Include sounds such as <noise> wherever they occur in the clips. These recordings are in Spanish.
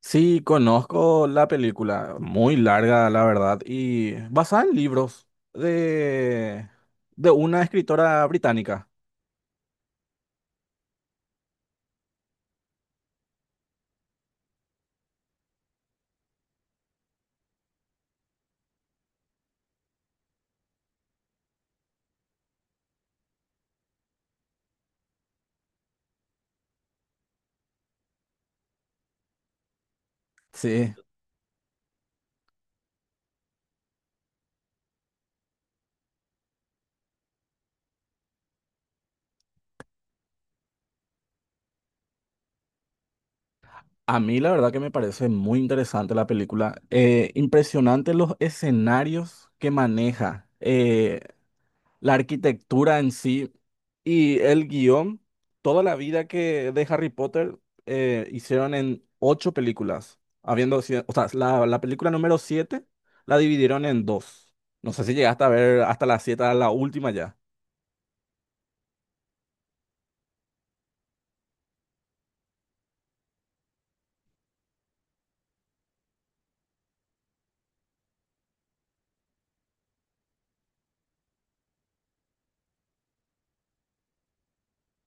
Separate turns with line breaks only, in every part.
Sí, conozco la película, muy larga, la verdad, y basada en libros de una escritora británica. Sí, a mí la verdad que me parece muy interesante la película. Impresionante los escenarios que maneja. La arquitectura en sí y el guión, toda la vida que de Harry Potter hicieron en ocho películas, habiendo sido, o sea, la película número siete la dividieron en dos. No sé si llegaste a ver hasta la siete, a la última ya.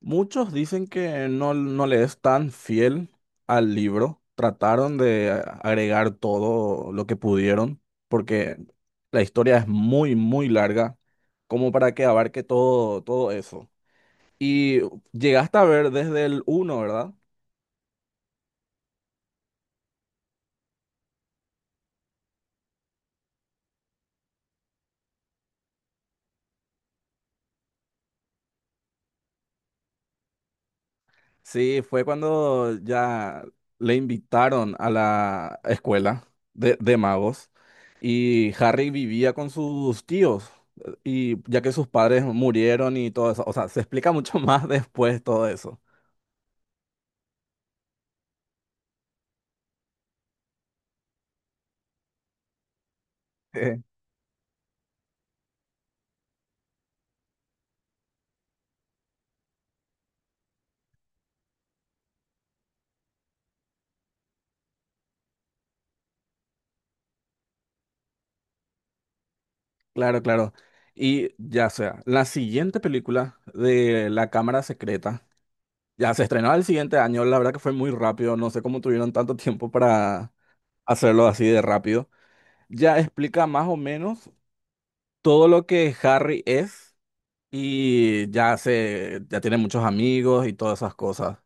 Muchos dicen que no, no le es tan fiel al libro. Trataron de agregar todo lo que pudieron, porque la historia es muy, muy larga, como para que abarque todo, todo eso. Y llegaste a ver desde el uno, ¿verdad? Sí, fue cuando ya le invitaron a la escuela de magos y Harry vivía con sus tíos, y ya que sus padres murieron y todo eso, o sea, se explica mucho <laughs> más después todo eso. Eh, Claro, claro. Y ya sea, la siguiente película de La Cámara Secreta ya se estrenó el siguiente año, la verdad que fue muy rápido, no sé cómo tuvieron tanto tiempo para hacerlo así de rápido. Ya explica más o menos todo lo que Harry es y ya se, ya tiene muchos amigos y todas esas cosas.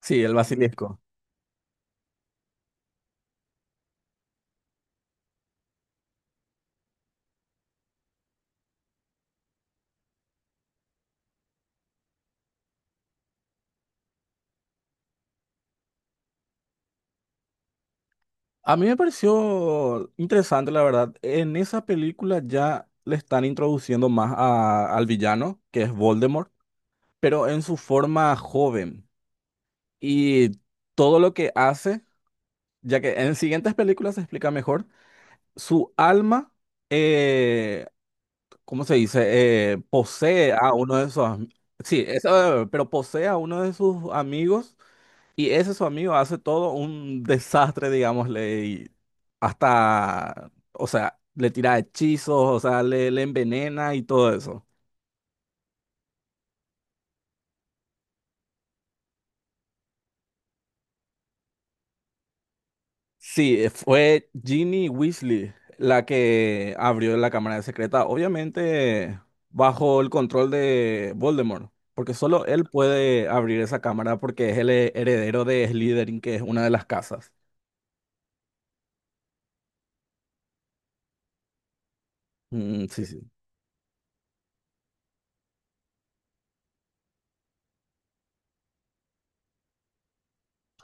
Sí, el basilisco. A mí me pareció interesante, la verdad. En esa película ya le están introduciendo más al villano, que es Voldemort, pero en su forma joven. Y todo lo que hace, ya que en siguientes películas se explica mejor, su alma. eh, ¿Cómo se dice? Posee a uno de sus sí, eso, pero posee a uno de sus amigos y ese su amigo hace todo un desastre, digámosle, y hasta, o sea, le tira hechizos, o sea, le envenena y todo eso. Sí, fue Ginny Weasley la que abrió la cámara secreta, obviamente bajo el control de Voldemort, porque solo él puede abrir esa cámara porque es el heredero de Slytherin, que es una de las casas. Mm, sí, sí.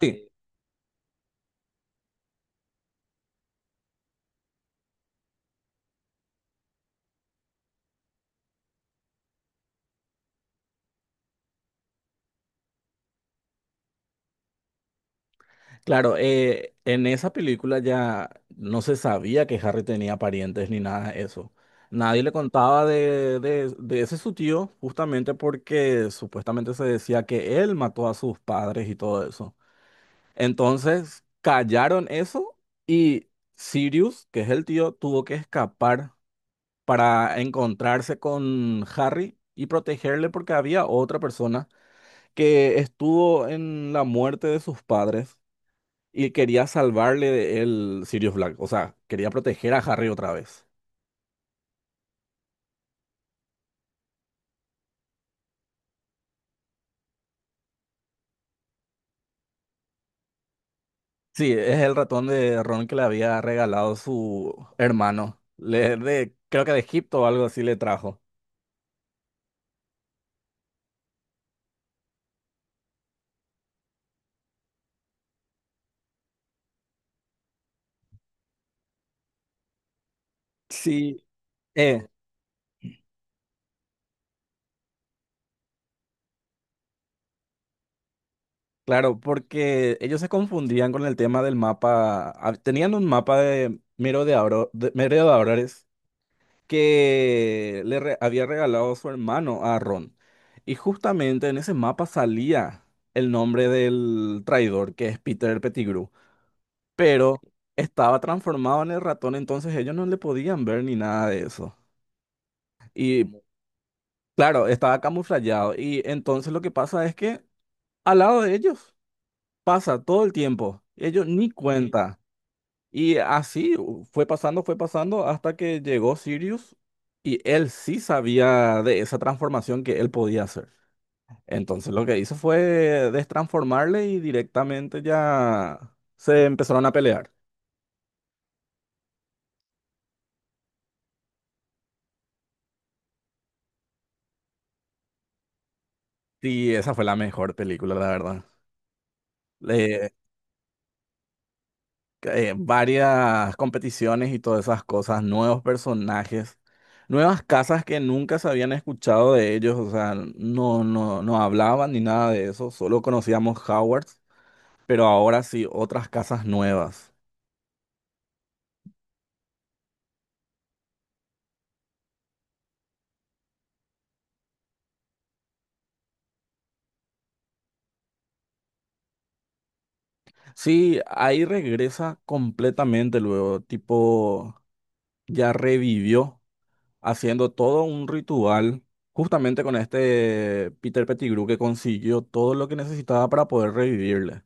Sí, claro, en esa película ya no se sabía que Harry tenía parientes ni nada de eso. Nadie le contaba de ese su tío, justamente porque supuestamente se decía que él mató a sus padres y todo eso. Entonces callaron eso y Sirius, que es el tío, tuvo que escapar para encontrarse con Harry y protegerle porque había otra persona que estuvo en la muerte de sus padres y quería salvarle de él, Sirius Black. O sea, quería proteger a Harry otra vez. Sí, es el ratón de Ron que le había regalado su hermano. Le, de, creo que de Egipto o algo así le trajo. Sí. eh, Claro, porque ellos se confundían con el tema del mapa. Ah, tenían un mapa de merodeadores que le había regalado su hermano a Ron. Y justamente en ese mapa salía el nombre del traidor, que es Peter Pettigrew. Pero estaba transformado en el ratón, entonces ellos no le podían ver ni nada de eso. Y claro, estaba camuflado. Y entonces lo que pasa es que al lado de ellos pasa todo el tiempo. Ellos ni cuenta. Y así fue pasando hasta que llegó Sirius y él sí sabía de esa transformación que él podía hacer. Entonces lo que hizo fue destransformarle y directamente ya se empezaron a pelear. Y esa fue la mejor película, la verdad. Le- varias competiciones y todas esas cosas, nuevos personajes, nuevas casas que nunca se habían escuchado de ellos, o sea, no, no, no hablaban ni nada de eso, solo conocíamos Howard. Pero ahora sí, otras casas nuevas. Sí, ahí regresa completamente luego, tipo, ya revivió haciendo todo un ritual, justamente con este Peter Pettigrew que consiguió todo lo que necesitaba para poder revivirle.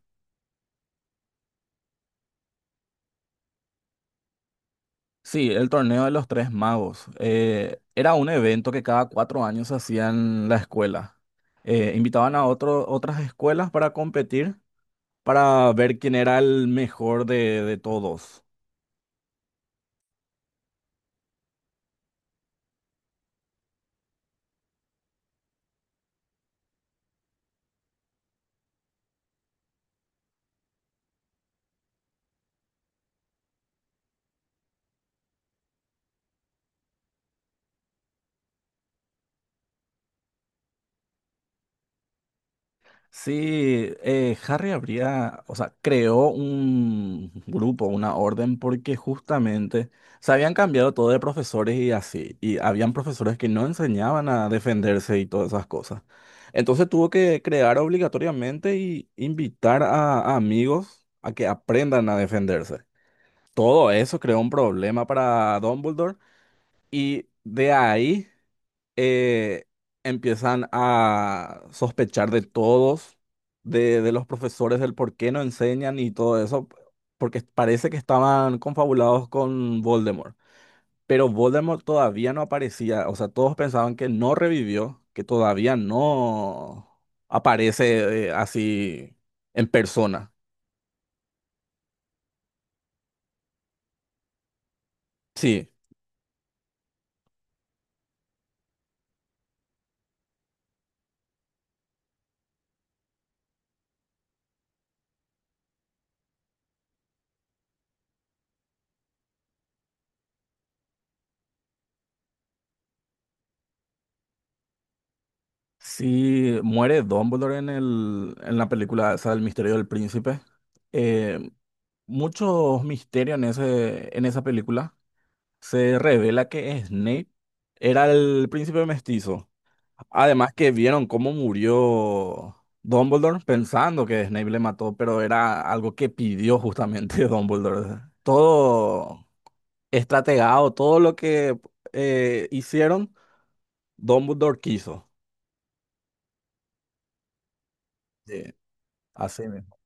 Sí, el torneo de los tres magos. Era un evento que cada 4 años se hacía en la escuela. Invitaban a otras escuelas para competir, para ver quién era el mejor de todos. Sí, Harry habría, o sea, creó un grupo, una orden, porque justamente se habían cambiado todo de profesores y así, y habían profesores que no enseñaban a defenderse y todas esas cosas. Entonces tuvo que crear obligatoriamente y invitar a amigos a que aprendan a defenderse. Todo eso creó un problema para Dumbledore y de ahí eh, empiezan a sospechar de todos, de los profesores, del por qué no enseñan y todo eso, porque parece que estaban confabulados con Voldemort. Pero Voldemort todavía no aparecía, o sea, todos pensaban que no revivió, que todavía no aparece, así en persona. Sí, sí muere Dumbledore en la película esa del Misterio del Príncipe. Eh, muchos misterios en esa película. Se revela que Snape era el príncipe mestizo. Además que vieron cómo murió Dumbledore pensando que Snape le mató, pero era algo que pidió justamente <laughs> Dumbledore. Todo estrategado, todo lo que hicieron, Dumbledore quiso. Sí, así mismo.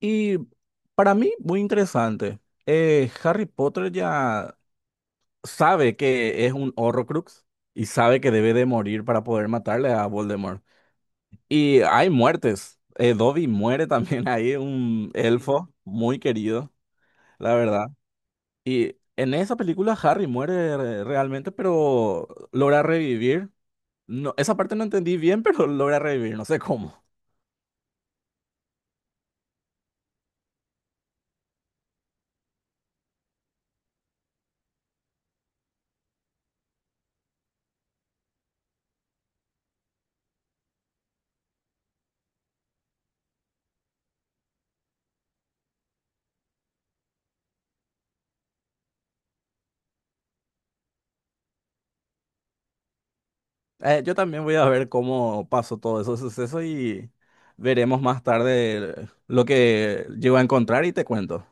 Y para mí, muy interesante. Harry Potter ya sabe que es un Horrocrux y sabe que debe de morir para poder matarle a Voldemort. Y hay muertes. Dobby muere también <laughs> ahí, un elfo muy querido, la verdad. Y en esa película Harry muere realmente, pero logra revivir. No, esa parte no entendí bien, <laughs> pero logra revivir, no sé cómo. Yo también voy a ver cómo pasó todo ese suceso y veremos más tarde lo que llego a encontrar y te cuento.